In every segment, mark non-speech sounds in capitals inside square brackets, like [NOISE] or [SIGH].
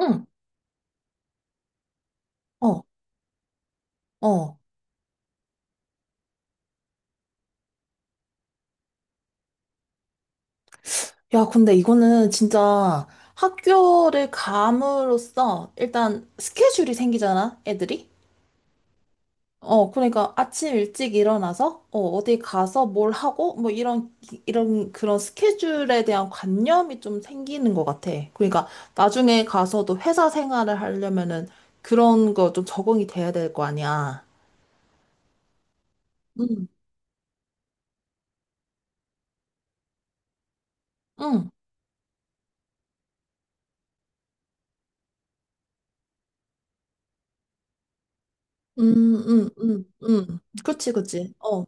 응, 어, 어. 야, 근데 이거는 진짜 학교를 감으로써 일단 스케줄이 생기잖아, 애들이? 그러니까 아침 일찍 일어나서, 어디 가서 뭘 하고, 뭐 이런, 이런 그런 스케줄에 대한 관념이 좀 생기는 것 같아. 그러니까 나중에 가서도 회사 생활을 하려면은 그런 거 좀 적응이 돼야 될 거 아니야. 응, 응, 응, 응, 응, 응. 그치, 그치. 어.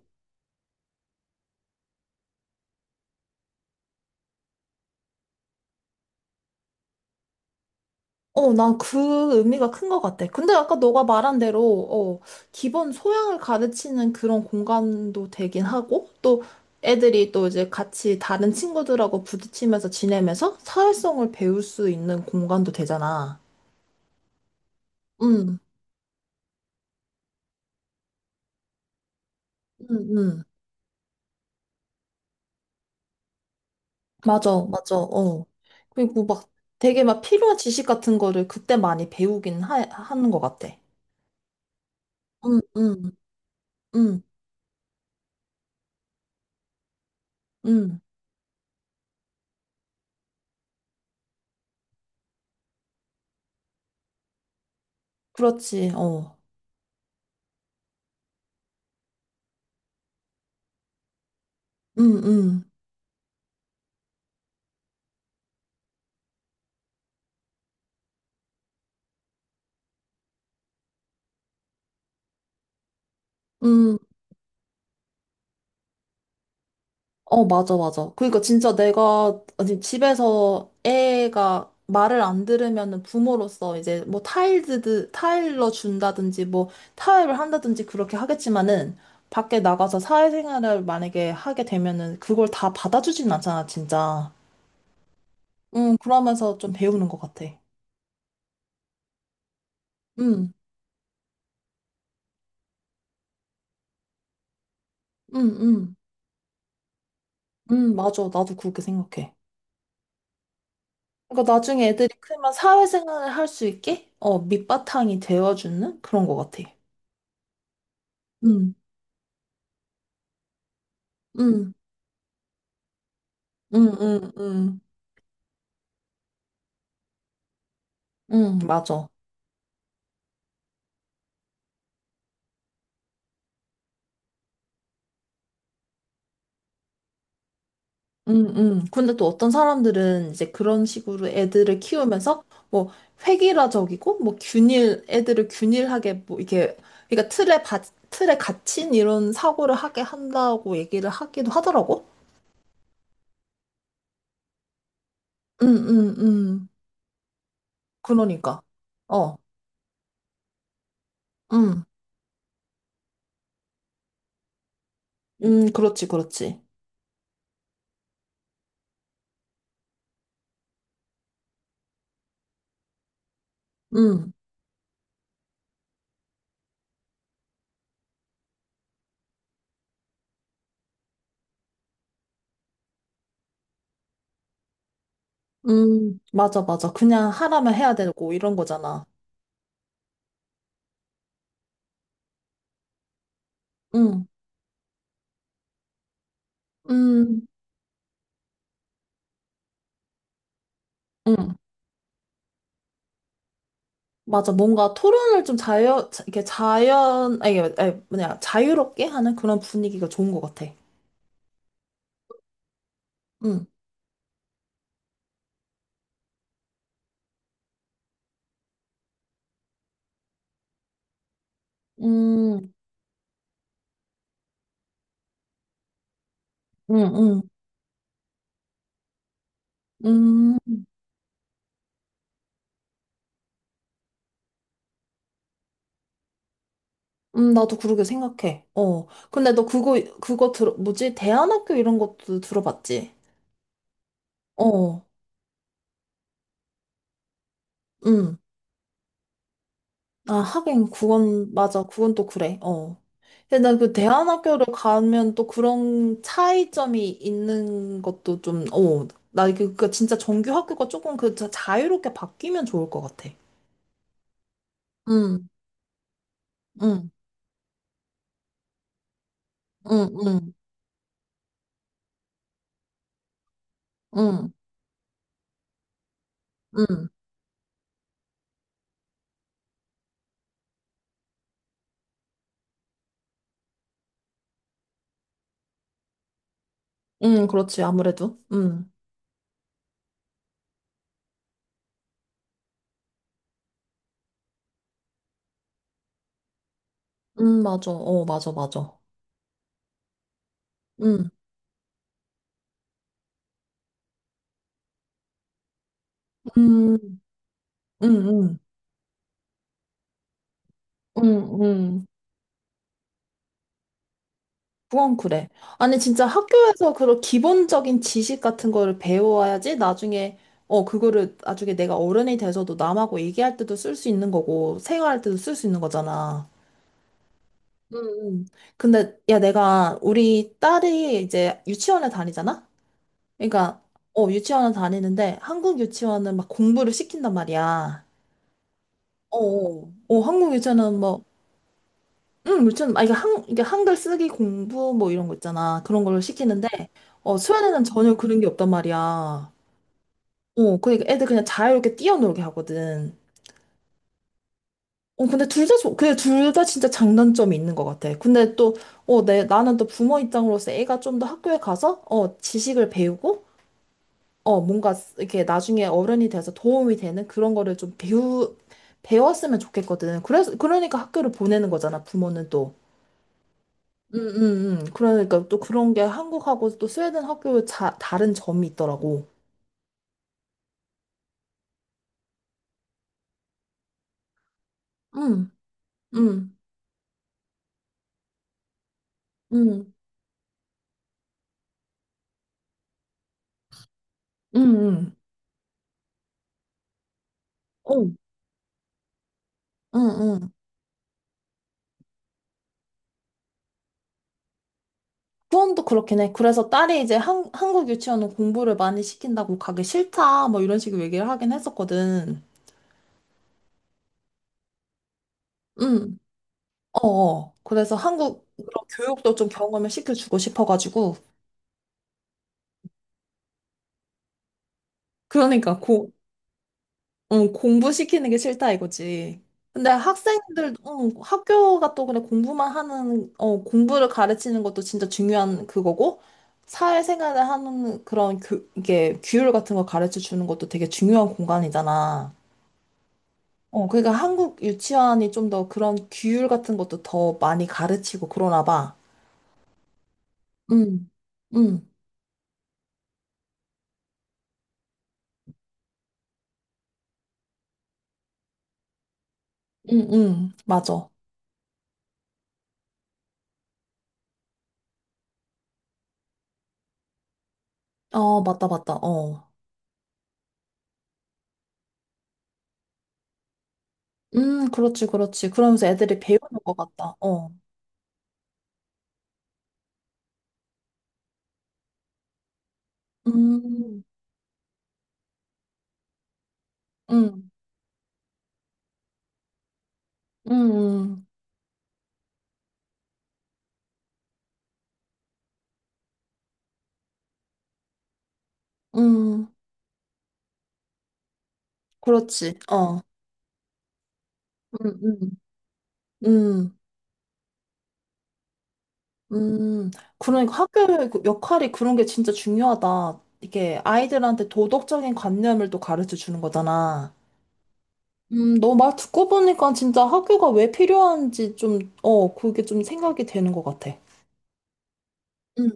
난 그 의미가 큰 것 같아. 근데 아까 너가 말한 대로, 기본 소양을 가르치는 그런 공간도 되긴 하고, 또 애들이 또 이제 같이 다른 친구들하고 부딪히면서 지내면서 사회성을 배울 수 있는 공간도 되잖아. 응, 응, 응. 맞아, 맞아, 어. 그리고 막 되게 막 필요한 지식 같은 거를 그때 많이 배우긴 하는 것 같아. 응, 응, 응, 응. 그렇지, 어. 응, 응. 응. 어, 맞아, 맞아. 그러니까 진짜 내가 아니, 집에서 애가 말을 안 들으면은 부모로서 이제 뭐 타일러 준다든지 뭐 타협을 한다든지 그렇게 하겠지만은 밖에 나가서 사회생활을 만약에 하게 되면은 그걸 다 받아주진 않잖아, 진짜. 그러면서 좀 배우는 것 같아. 음, 음, 음, 맞아. 나도 그렇게 생각해. 그러니까 나중에 애들이 크면 사회생활을 할 수 있게 밑바탕이 되어주는 그런 것 같아. 음, 음. 응, 응, 응, 응, 맞아. 응, 응. 근데 또 어떤 사람들은 이제 그런 식으로 애들을 키우면서 뭐 획일화적이고 뭐 애들을 균일하게 뭐 이렇게, 그러니까 틀에 갇힌 이런 사고를 하게 한다고 얘기를 하기도 하더라고. 응, 응, 응. 그러니까. 어, 응, 응, 그렇지, 그렇지. 응, 응, 맞아, 맞아. 그냥 하라면 해야 되고 이런 거잖아. 응, 응. 응, 맞아. 뭔가 토론을 좀 이렇게 아니, 아니, 뭐냐, 자유롭게 하는 그런 분위기가 좋은 것 같아. 응, 음, 음, 음, 음, 나도 그러게 생각해. 어. 근데 너 그거 뭐지? 대안학교 이런 것도 들어봤지? 어, 응. 아, 하긴, 그건, 맞아. 그건 또 그래. 어. 근데 난 그 대안학교를 가면 또 그런 차이점이 있는 것도 좀, 어. 나 그 진짜 정규 학교가 조금 그 자유롭게 바뀌면 좋을 것 같아. 응, 응, 응, 응, 응, 응, 응, 그렇지. 아무래도. 응, 응, 맞아. 어, 맞아, 맞아. 응, 응, 응, 응, 응, 응. 그건 그래. 아니, 진짜 학교에서 그런 기본적인 지식 같은 거를 배워야지 나중에, 그거를 나중에 내가 어른이 돼서도 남하고 얘기할 때도 쓸 수 있는 거고, 생활할 때도 쓸 수 있는 거잖아. 응, 응. 근데, 야, 내가 우리 딸이 이제 유치원에 다니잖아? 그러니까, 유치원에 다니는데 한국 유치원은 막 공부를 시킨단 말이야. 어, 어, 어, 한국 유치원은 뭐 응, 아, 이게 한글 쓰기 공부 뭐 이런 거 있잖아. 그런 걸 시키는데, 스웨덴은 전혀 그런 게 없단 말이야. 어, 그러니까 애들 그냥 자유롭게 뛰어놀게 하거든. 어, 근데 둘 다, 그게 둘 다 진짜 장단점이 있는 것 같아. 근데 또, 어, 나는 또 부모 입장으로서 애가 좀 더 학교에 가서, 지식을 배우고, 뭔가 이렇게 나중에 어른이 돼서 도움이 되는 그런 거를 좀 배웠으면 좋겠거든. 그래서, 그러니까 학교를 보내는 거잖아, 부모는. 그러니까 또 그런 게 한국하고 또 스웨덴 학교의 다른 점이 있더라고. 응응응응 응 어, 응, 응. 후원도 그렇긴 해. 그래서 딸이 이제 한국 유치원은 공부를 많이 시킨다고 가기 싫다, 뭐 이런 식으로 얘기를 하긴 했었거든. 응 어, 어. 그래서 한국 그런 교육도 좀 경험을 시켜주고 싶어가지고. 그러니까 고 어, 공부시키는 게 싫다 이거지. 근데 어, 학교가 또 그냥 공부만 하는, 공부를 가르치는 것도 진짜 중요한 그거고, 사회생활을 하는 그런 이게 규율 같은 거 가르쳐 주는 것도 되게 중요한 공간이잖아. 어, 그러니까 한국 유치원이 좀 더 그런 규율 같은 것도 더 많이 가르치고 그러나 봐. 응, 응, 응, 응, 맞아. 어, 맞다, 맞다, 어. 그렇지, 그렇지. 그러면서 애들이 배우는 것 같다, 어. 음. 응, 응, 응, 응. 그렇지. 어, 응, 응, 응, 응. 그러니까 학교의 그 역할이 그런 게 진짜 중요하다. 이게 아이들한테 도덕적인 관념을 또 가르쳐 주는 거잖아. 너 말 듣고 보니까 진짜 학교가 왜 필요한지 좀, 그게 좀 생각이 되는 것 같아. 응,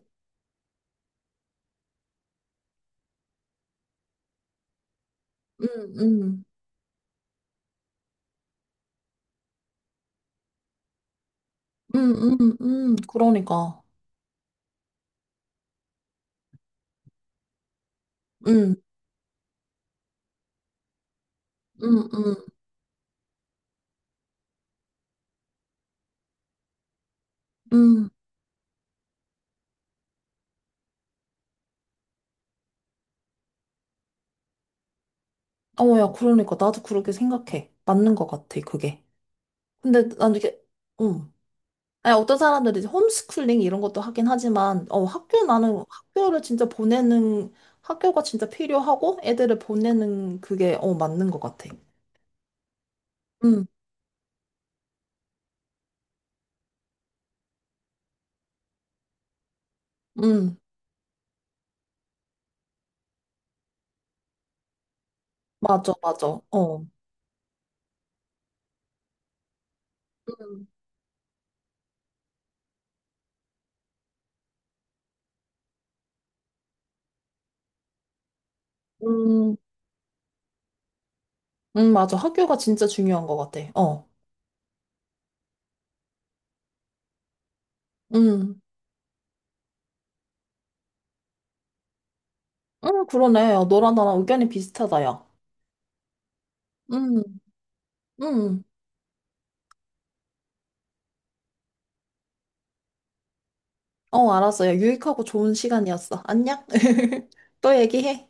응, 응, 응, 응, 응, 그러니까. 응, 응, 응, 응. 어, 야, 그러니까. 나도 그렇게 생각해. 맞는 것 같아, 그게. 근데 난 이게, 응. 아니, 어떤 사람들이 이제 홈스쿨링 이런 것도 하긴 하지만, 학교 나는 학교를 진짜 보내는, 학교가 진짜 필요하고 애들을 보내는 그게, 맞는 것 같아. 응, 응, 맞아, 맞아. 어. 음, 음, 맞아. 학교가 진짜 중요한 것 같아. 어. 음, 그러네. 어, 너랑 나랑 의견이 비슷하다, 야. 음, 음. 어, 알았어. 야, 유익하고 좋은 시간이었어. 안녕? [LAUGHS] 또 얘기해.